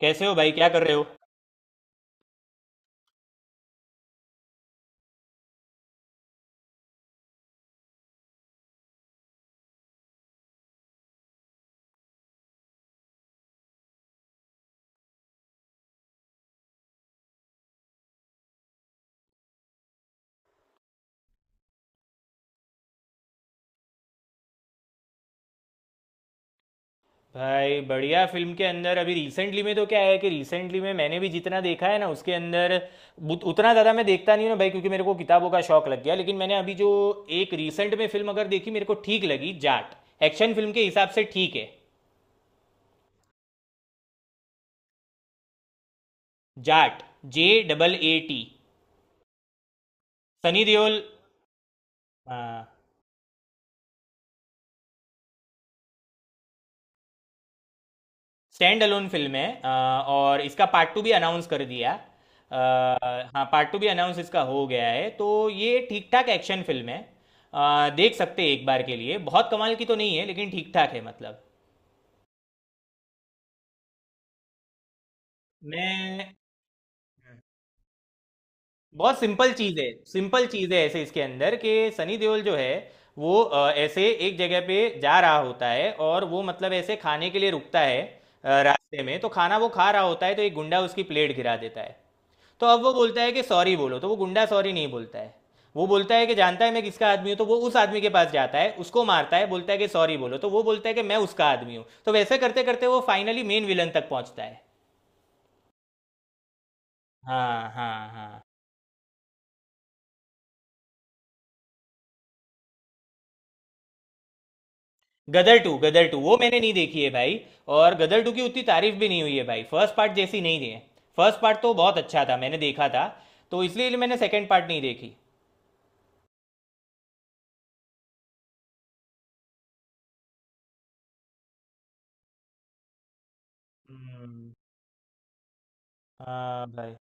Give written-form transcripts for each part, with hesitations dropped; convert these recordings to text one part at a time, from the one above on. कैसे हो भाई? क्या कर रहे हो? भाई बढ़िया फिल्म के अंदर अभी रिसेंटली में तो क्या है कि रिसेंटली में मैंने भी जितना देखा है ना उसके अंदर उतना ज़्यादा मैं देखता नहीं हूँ ना भाई, क्योंकि मेरे को किताबों का शौक लग गया। लेकिन मैंने अभी जो एक रिसेंट में फिल्म अगर देखी मेरे को ठीक लगी, जाट। एक्शन फिल्म के हिसाब से ठीक है। जाट। JAAT। सनी देओल। हाँ। स्टैंड अलोन फिल्म है। और इसका पार्ट टू भी अनाउंस कर दिया। हाँ, पार्ट टू भी अनाउंस इसका हो गया है, तो ये ठीक ठाक एक्शन फिल्म है। देख सकते हैं एक बार के लिए। बहुत कमाल की तो नहीं है, लेकिन ठीक ठाक है, मतलब मैं, बहुत सिंपल चीज है। सिंपल चीज है ऐसे इसके अंदर कि सनी देओल जो है वो ऐसे एक जगह पे जा रहा होता है, और वो मतलब ऐसे खाने के लिए रुकता है। रास्ते में तो खाना वो खा रहा होता है, तो एक गुंडा उसकी प्लेट गिरा देता है। तो अब वो बोलता है कि सॉरी बोलो, तो वो गुंडा सॉरी नहीं बोलता है। वो बोलता है कि जानता है मैं किसका आदमी हूँ, तो वो उस आदमी के पास जाता है, उसको मारता है, बोलता है कि सॉरी बोलो, तो वो बोलता है कि मैं उसका आदमी हूँ, तो वैसे करते करते वो फाइनली मेन विलन तक पहुंचता है। हाँ हाँ हाँ। गदर टू, गदर टू वो मैंने नहीं देखी है भाई। और गदर टू की उतनी तारीफ भी नहीं हुई है भाई, फर्स्ट पार्ट जैसी नहीं है। फर्स्ट पार्ट तो बहुत अच्छा था, मैंने देखा था। तो इसलिए मैंने सेकंड पार्ट नहीं देखी। हम्म। हाँ भाई।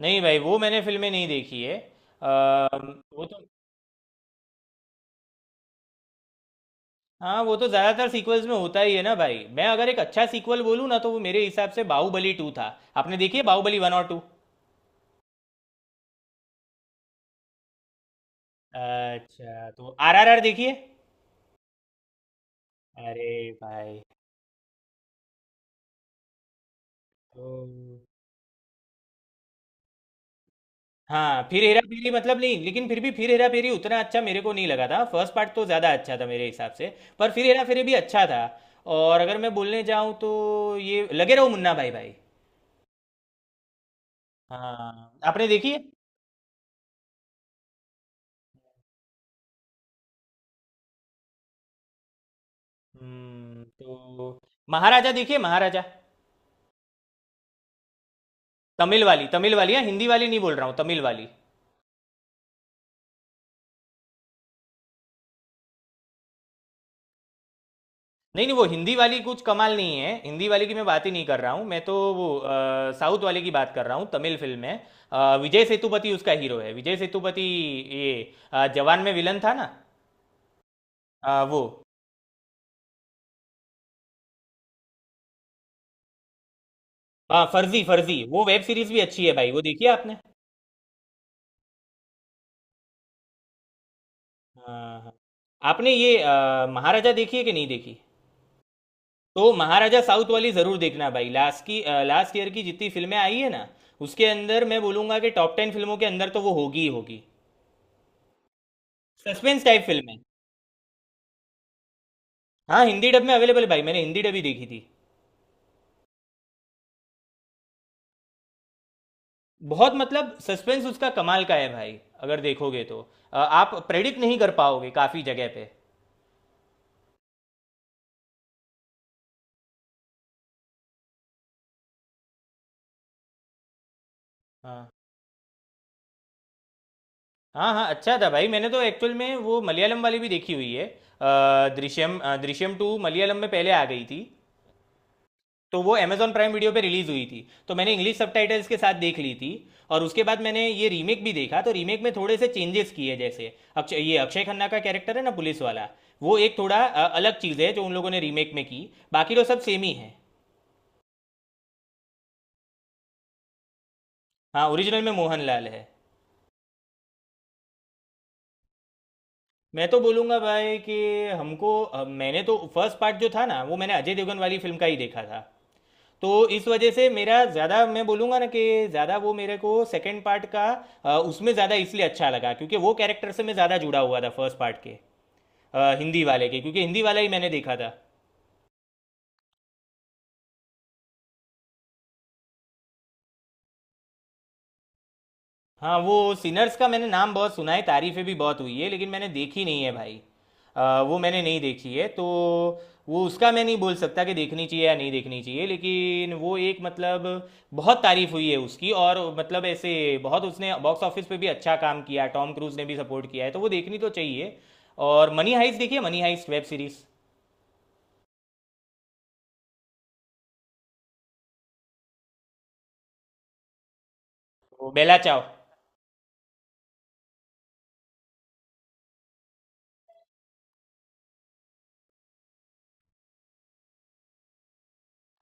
नहीं भाई, वो मैंने फिल्में नहीं देखी है। अ, वो तो, हाँ वो तो ज्यादातर सीक्वल्स में होता ही है ना भाई, मैं अगर एक अच्छा सीक्वल बोलूँ ना तो वो मेरे हिसाब से बाहुबली टू था। आपने देखी है बाहुबली वन और टू? अच्छा, तो RRR देखिए। अरे भाई, तो, हाँ फिर हेरा फेरी मतलब नहीं, लेकिन फिर भी फिर हेरा फेरी उतना अच्छा मेरे को नहीं लगा था। फर्स्ट पार्ट तो ज़्यादा अच्छा था मेरे हिसाब से। पर फिर हेरा फेरी भी अच्छा था। और अगर मैं बोलने जाऊँ तो ये लगे रहो मुन्ना भाई, भाई। हाँ, आपने देखी है? तो महाराजा देखिए, महाराजा। तमिल वाली, तमिल वाली है, हिंदी वाली नहीं बोल रहा हूँ, तमिल वाली। नहीं नहीं, वो हिंदी वाली कुछ कमाल नहीं है। हिंदी वाली की मैं बात ही नहीं कर रहा हूँ, मैं तो वो साउथ वाले की बात कर रहा हूँ, तमिल फिल्म है। विजय सेतुपति उसका हीरो है, विजय सेतुपति। ये जवान में विलन था ना। वो, हाँ फर्जी, फर्जी वो वेब सीरीज भी अच्छी है भाई, वो देखी है आपने? हाँ हाँ। आपने ये महाराजा देखी है कि नहीं देखी? तो महाराजा साउथ वाली जरूर देखना भाई। लास्ट ईयर की जितनी फिल्में आई है ना उसके अंदर मैं बोलूंगा कि टॉप 10 फिल्मों के अंदर तो वो होगी ही होगी। सस्पेंस टाइप फिल्म है। हाँ, हिंदी डब में अवेलेबल है भाई, मैंने हिंदी डब ही देखी थी। बहुत मतलब सस्पेंस उसका कमाल का है भाई, अगर देखोगे तो आप प्रेडिक्ट नहीं कर पाओगे काफ़ी जगह पे। हाँ हाँ हाँ। अच्छा था भाई, मैंने तो एक्चुअल में वो मलयालम वाली भी देखी हुई है। दृश्यम, दृश्यम टू मलयालम में पहले आ गई थी। तो वो अमेजॉन प्राइम वीडियो पे रिलीज हुई थी। तो मैंने इंग्लिश सबटाइटल्स के साथ देख ली थी। और उसके बाद मैंने ये रीमेक भी देखा, तो रीमेक में थोड़े से चेंजेस किए, जैसे अक्षय, ये अक्षय खन्ना का कैरेक्टर है ना, पुलिस वाला, वो एक थोड़ा अलग चीज़ है जो उन लोगों ने रीमेक में की। बाकी तो सब सेम ही है। हाँ, ओरिजिनल में मोहनलाल है। मैं तो बोलूँगा भाई कि हमको, मैंने तो फर्स्ट पार्ट जो था ना वो मैंने अजय देवगन वाली फिल्म का ही देखा था। तो इस वजह से मेरा ज़्यादा, मैं बोलूँगा ना कि ज़्यादा वो मेरे को सेकंड पार्ट का उसमें ज़्यादा इसलिए अच्छा लगा क्योंकि वो कैरेक्टर से मैं ज़्यादा जुड़ा हुआ था फर्स्ट पार्ट के, हिंदी वाले के, क्योंकि हिंदी वाला ही मैंने देखा था। हाँ, वो सिनर्स का मैंने नाम बहुत सुना है, तारीफें भी बहुत हुई है, लेकिन मैंने देखी नहीं है भाई। वो मैंने नहीं देखी है, तो वो उसका मैं नहीं बोल सकता कि देखनी चाहिए या नहीं देखनी चाहिए, लेकिन वो एक मतलब, बहुत तारीफ हुई है उसकी, और मतलब ऐसे बहुत उसने बॉक्स ऑफिस पे भी अच्छा काम किया, टॉम क्रूज ने भी सपोर्ट किया है, तो वो देखनी तो चाहिए। और मनी हाइस्ट देखिए, मनी हाइस्ट वेब सीरीज। वो बेला चाव।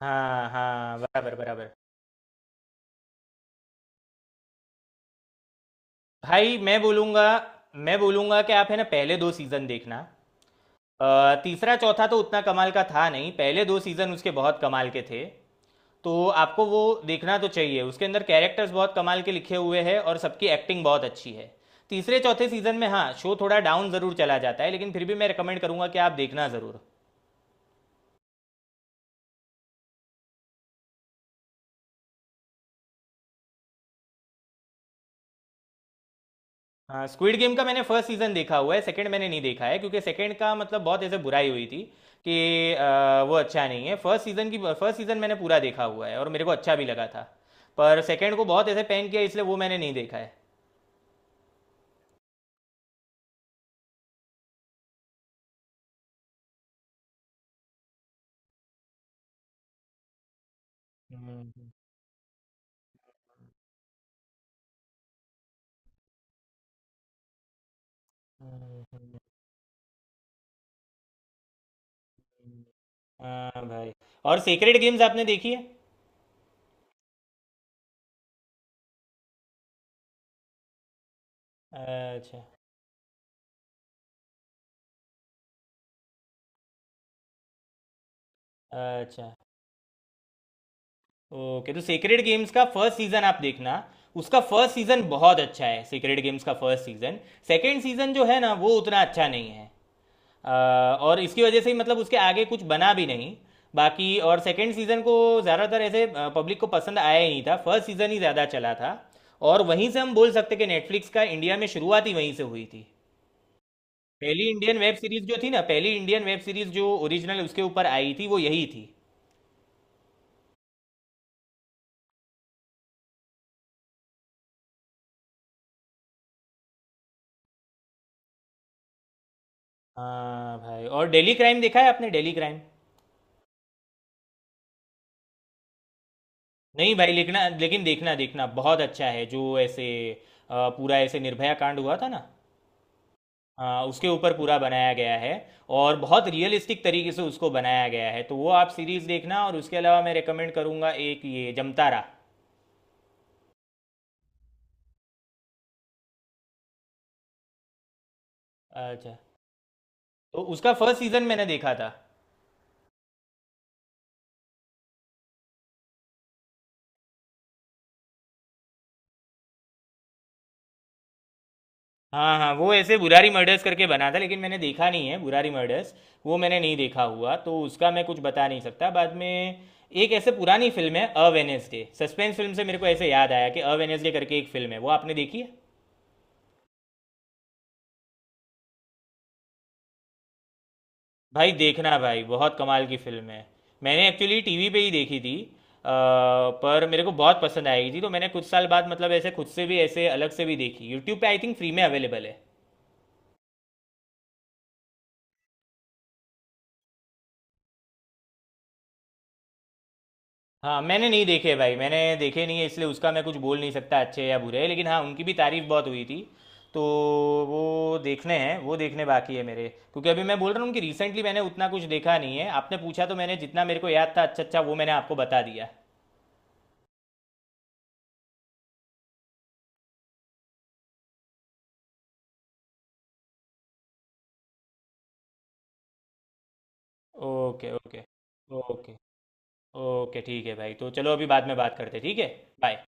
हाँ हाँ, बराबर बराबर। भाई मैं बोलूँगा कि आप है ना पहले दो सीज़न देखना। तीसरा चौथा तो उतना कमाल का था नहीं, पहले दो सीजन उसके बहुत कमाल के थे। तो आपको वो देखना तो चाहिए। उसके अंदर कैरेक्टर्स बहुत कमाल के लिखे हुए हैं, और सबकी एक्टिंग बहुत अच्छी है। तीसरे चौथे सीजन में हाँ शो थोड़ा डाउन ज़रूर चला जाता है, लेकिन फिर भी मैं रिकमेंड करूंगा कि आप देखना ज़रूर। हाँ, स्क्विड गेम का मैंने फर्स्ट सीजन देखा हुआ है, सेकंड मैंने नहीं देखा है, क्योंकि सेकंड का मतलब बहुत ऐसे बुराई हुई थी कि वो अच्छा नहीं है। फर्स्ट सीजन मैंने पूरा देखा हुआ है और मेरे को अच्छा भी लगा था। पर सेकंड को बहुत ऐसे पैन किया, इसलिए वो मैंने नहीं देखा है। हम्म, हाँ भाई। और सेक्रेड गेम्स आपने देखी है? अच्छा अच्छा। ओके, तो सेक्रेड गेम्स का फर्स्ट सीजन आप देखना। उसका फर्स्ट सीजन बहुत अच्छा है, सेक्रेड गेम्स का फर्स्ट सीजन। सेकंड सीजन जो है ना वो उतना अच्छा नहीं है। अ, और इसकी वजह से ही मतलब उसके आगे कुछ बना भी नहीं। बाकी और सेकंड सीजन को ज़्यादातर ऐसे पब्लिक को पसंद आया ही नहीं था, फर्स्ट सीजन ही ज़्यादा चला था। और वहीं से हम बोल सकते कि नेटफ्लिक्स का इंडिया में शुरुआत ही वहीं से हुई थी। पहली इंडियन वेब सीरीज जो थी ना, पहली इंडियन वेब सीरीज जो ओरिजिनल उसके ऊपर आई थी वो यही थी। हाँ भाई, और डेली क्राइम देखा है आपने, डेली क्राइम? नहीं भाई, लिखना, लेकिन देखना देखना बहुत अच्छा है। जो ऐसे पूरा ऐसे निर्भया कांड हुआ था ना, हाँ, उसके ऊपर पूरा बनाया गया है, और बहुत रियलिस्टिक तरीके से उसको बनाया गया है, तो वो आप सीरीज देखना। और उसके अलावा मैं रेकमेंड करूँगा एक ये जमतारा। अच्छा, तो उसका फर्स्ट सीजन मैंने देखा था। हाँ हाँ, वो ऐसे बुरारी मर्डर्स करके बना था, लेकिन मैंने देखा नहीं है, बुरारी मर्डर्स वो मैंने नहीं देखा हुआ, तो उसका मैं कुछ बता नहीं सकता। बाद में, एक ऐसे पुरानी फिल्म है अ वेनेसडे, सस्पेंस फिल्म से मेरे को ऐसे याद आया कि अ वेनेसडे करके एक फिल्म है, वो आपने देखी है? भाई देखना भाई, बहुत कमाल की फिल्म है। मैंने एक्चुअली टीवी पे ही देखी थी, अ, पर मेरे को बहुत पसंद आई थी, तो मैंने कुछ साल बाद मतलब ऐसे खुद से भी ऐसे अलग से भी देखी, यूट्यूब पे आई थिंक फ्री में अवेलेबल है। हाँ, मैंने नहीं देखे भाई, मैंने देखे नहीं है, इसलिए उसका मैं कुछ बोल नहीं सकता अच्छे या बुरे, लेकिन हाँ उनकी भी तारीफ बहुत हुई थी। तो वो देखने हैं, वो देखने बाकी है मेरे। क्योंकि अभी मैं बोल रहा हूँ कि रिसेंटली मैंने उतना कुछ देखा नहीं है, आपने पूछा तो मैंने जितना मेरे को याद था अच्छा अच्छा वो मैंने आपको बता दिया। Okay okay. ओके ओके, ठीक है भाई, तो चलो अभी बाद में बात करते हैं, ठीक है? बाय।